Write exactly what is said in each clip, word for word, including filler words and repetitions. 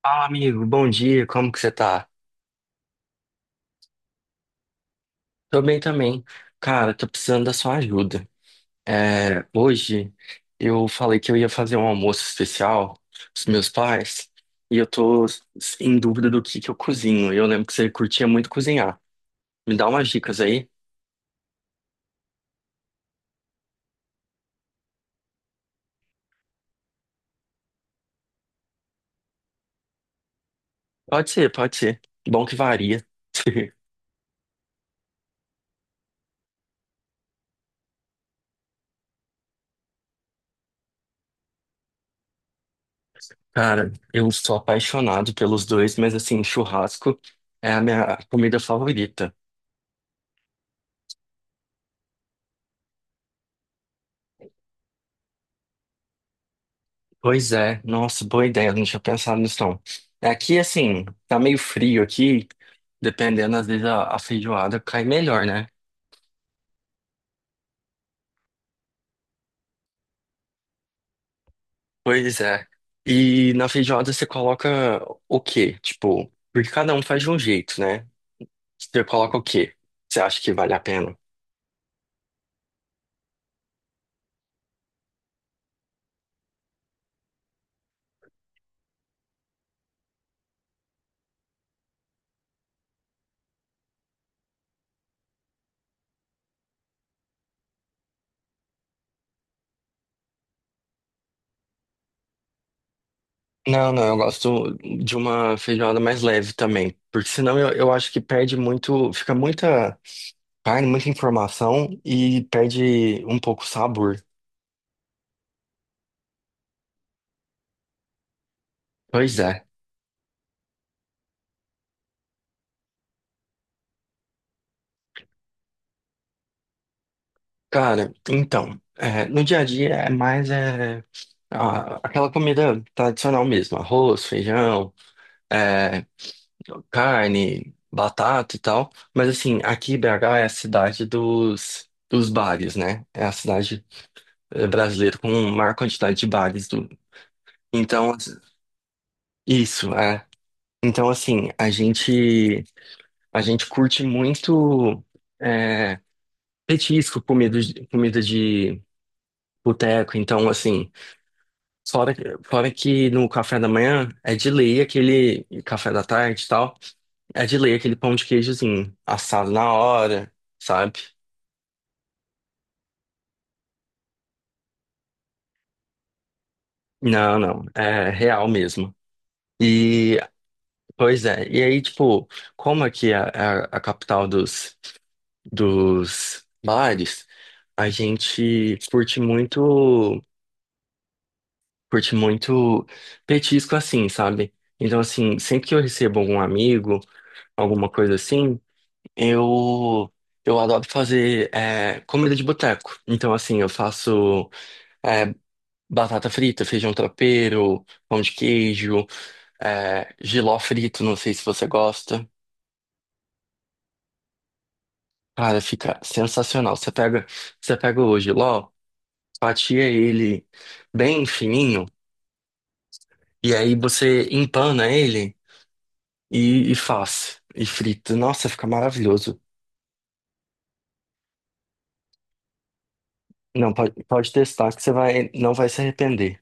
Fala, amigo, bom dia, como que você tá? Tô bem também. Cara, tô precisando da sua ajuda. É, hoje eu falei que eu ia fazer um almoço especial pros meus pais e eu tô em dúvida do que que eu cozinho. Eu lembro que você curtia muito cozinhar. Me dá umas dicas aí? Pode ser, pode ser. Bom que varia. Cara, eu sou apaixonado pelos dois, mas assim, churrasco é a minha comida favorita. Pois é, nossa, boa ideia, eu não tinha pensado nisso não. Aqui, assim, tá meio frio aqui, dependendo, às vezes a, a feijoada cai melhor, né? Pois é. E na feijoada você coloca o quê? Tipo, porque cada um faz de um jeito, né? Você coloca o quê? Você acha que vale a pena? Não, não, eu gosto de uma feijoada mais leve também, porque senão eu, eu acho que perde muito, fica muita carne, muita informação e perde um pouco o sabor. Pois é. Cara, então, é, no dia a dia é mais é, a- aquela comida tradicional mesmo, arroz, feijão, é, carne, batata e tal. Mas assim, aqui B H é a cidade dos, dos bares, né? É a cidade, é, brasileira com a maior quantidade de bares do. Então, as- isso, é. Então, assim, a gente, a gente curte muito. é, Petisco, comida de, comida de boteco. Então, assim, fora, fora que no café da manhã é de lei aquele café da tarde e tal, é de lei aquele pão de queijozinho assado na hora, sabe? Não, não, é real mesmo. E, pois é, e aí, tipo, como aqui é a, a capital dos, dos bares, a gente curte muito, curte muito petisco assim, sabe? Então, assim, sempre que eu recebo algum amigo, alguma coisa assim, eu eu adoro fazer, é, comida de boteco. Então, assim, eu faço, é, batata frita, feijão tropeiro, pão de queijo, é, jiló frito, não sei se você gosta. Cara, fica sensacional. Você pega, você pega o jiló, fatia ele bem fininho, e aí você empana ele. E, e faz. E frita. Nossa, fica maravilhoso. Não, pode, pode testar que você vai, não vai se arrepender.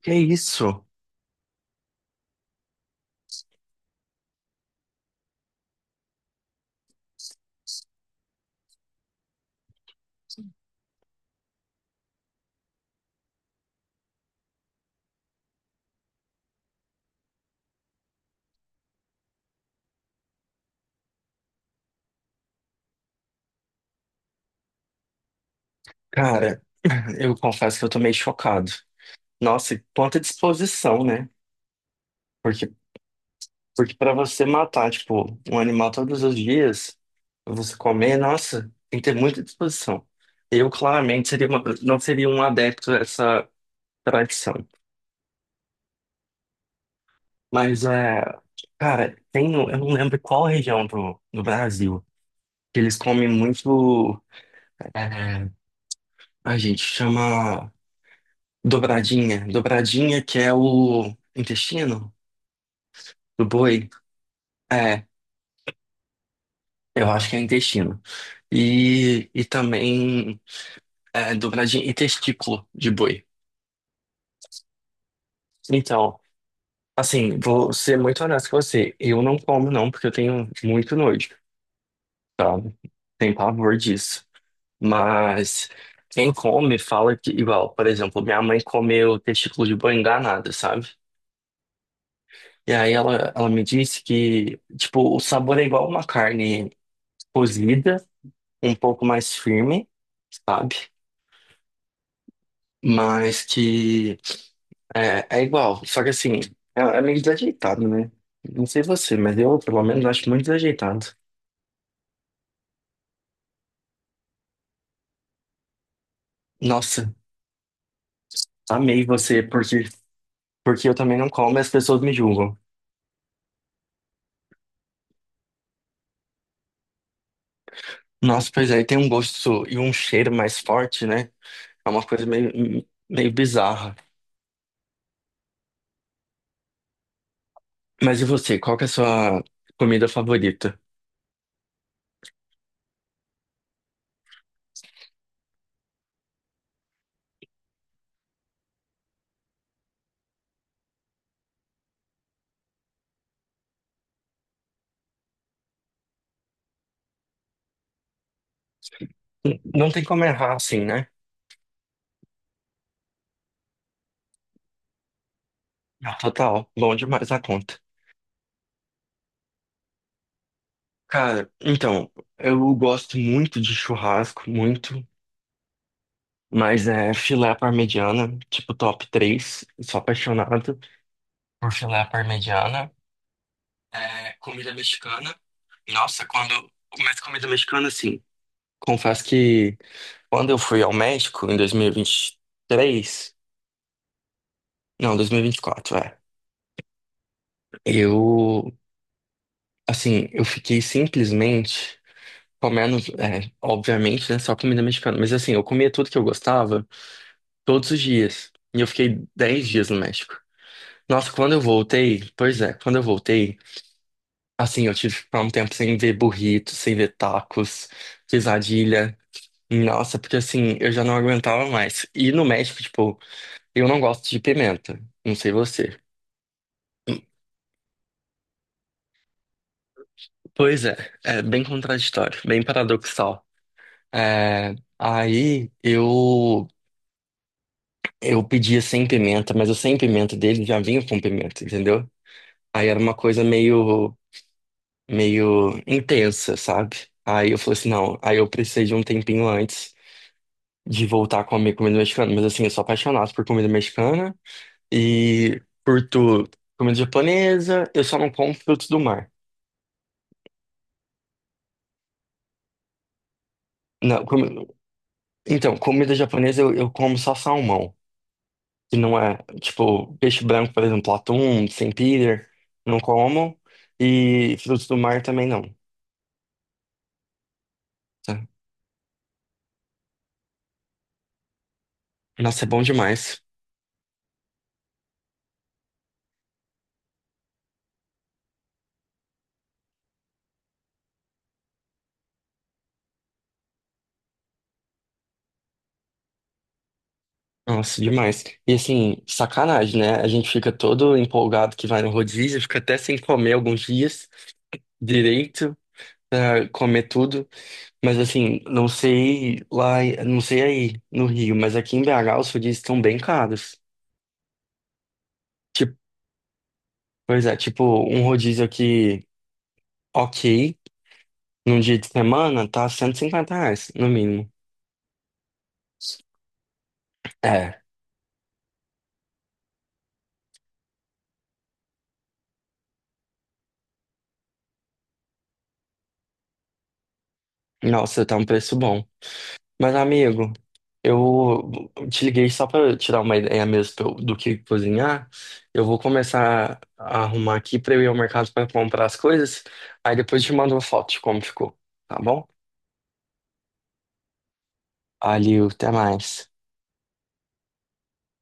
Que isso? Cara, eu confesso que eu tô meio chocado. Nossa, e quanta disposição, né? Porque, porque para você matar, tipo, um animal todos os dias, você comer, nossa, tem que ter muita disposição. Eu, claramente, seria uma- não seria um adepto a essa tradição. Mas, é, cara, tem, no- eu não lembro qual região do, do Brasil que eles comem muito. É, a gente chama dobradinha. Dobradinha que é o intestino do boi. É, eu acho que é intestino. E, e também, é, dobradinha e testículo de boi. Então, assim, vou ser muito honesto com você. Eu não como não, porque eu tenho muito nojo, sabe? Tem pavor disso. Mas quem come fala que, igual, por exemplo, minha mãe comeu testículo de boi enganada, sabe? E aí ela, ela me disse que, tipo, o sabor é igual uma carne cozida, um pouco mais firme, sabe? Mas que é, é igual. Só que assim, é, é meio desajeitado, né? Não sei você, mas eu, pelo menos, acho muito desajeitado. Nossa, amei você, porque, porque eu também não como e as pessoas me julgam. Nossa, pois aí tem um gosto e um cheiro mais forte, né? É uma coisa meio, meio bizarra. Mas e você, qual que é a sua comida favorita? Não tem como errar assim, né? Ah, total, bom demais a conta. Cara, então, eu gosto muito de churrasco, muito, mas é filé à parmegiana, tipo top três. Sou apaixonado por filé à parmegiana. É, comida mexicana. Nossa, quando. Mas comida mexicana, assim. Confesso que quando eu fui ao México em dois mil e vinte e três Não, dois mil e vinte e quatro, é. Eu. Assim, eu fiquei simplesmente comendo. É, obviamente, né? Só comida mexicana. Mas assim, eu comia tudo que eu gostava todos os dias. E eu fiquei dez dias no México. Nossa, quando eu voltei. Pois é, quando eu voltei. Assim, eu tive que ficar um tempo sem ver burritos, sem ver tacos, quesadilha. Nossa, porque assim, eu já não aguentava mais. E no México, tipo, eu não gosto de pimenta. Não sei você. Pois é, é bem contraditório, bem paradoxal. É, aí eu eu pedia sem pimenta, mas o sem pimenta dele já vinha com pimenta, entendeu? Aí era uma coisa meio, meio intensa, sabe? Aí eu falei assim, não, aí eu precisei de um tempinho antes de voltar a comer comida mexicana, mas assim, eu sou apaixonado por comida mexicana. E curto comida japonesa, eu só não como frutos do mar. Não, comi- Então, comida japonesa eu, eu como só salmão, que não é, tipo, peixe branco, por exemplo, atum, sempiter, não como. E frutos do mar também não. Tá? Nossa, é bom demais. Nossa, demais. E assim, sacanagem, né? A gente fica todo empolgado que vai no rodízio, fica até sem comer alguns dias direito pra comer tudo. Mas assim, não sei lá, não sei aí no Rio, mas aqui em B H os rodízios estão bem caros. Tipo, pois é, tipo, um rodízio aqui, ok, num dia de semana, tá cento e cinquenta reais, no mínimo. É, nossa, tá um preço bom. Mas, amigo, eu te liguei só pra tirar uma ideia mesmo pra eu- do que cozinhar. Eu vou começar a arrumar aqui pra eu ir ao mercado pra comprar as coisas. Aí depois eu te mando uma foto de como ficou, tá bom? Valeu, até mais.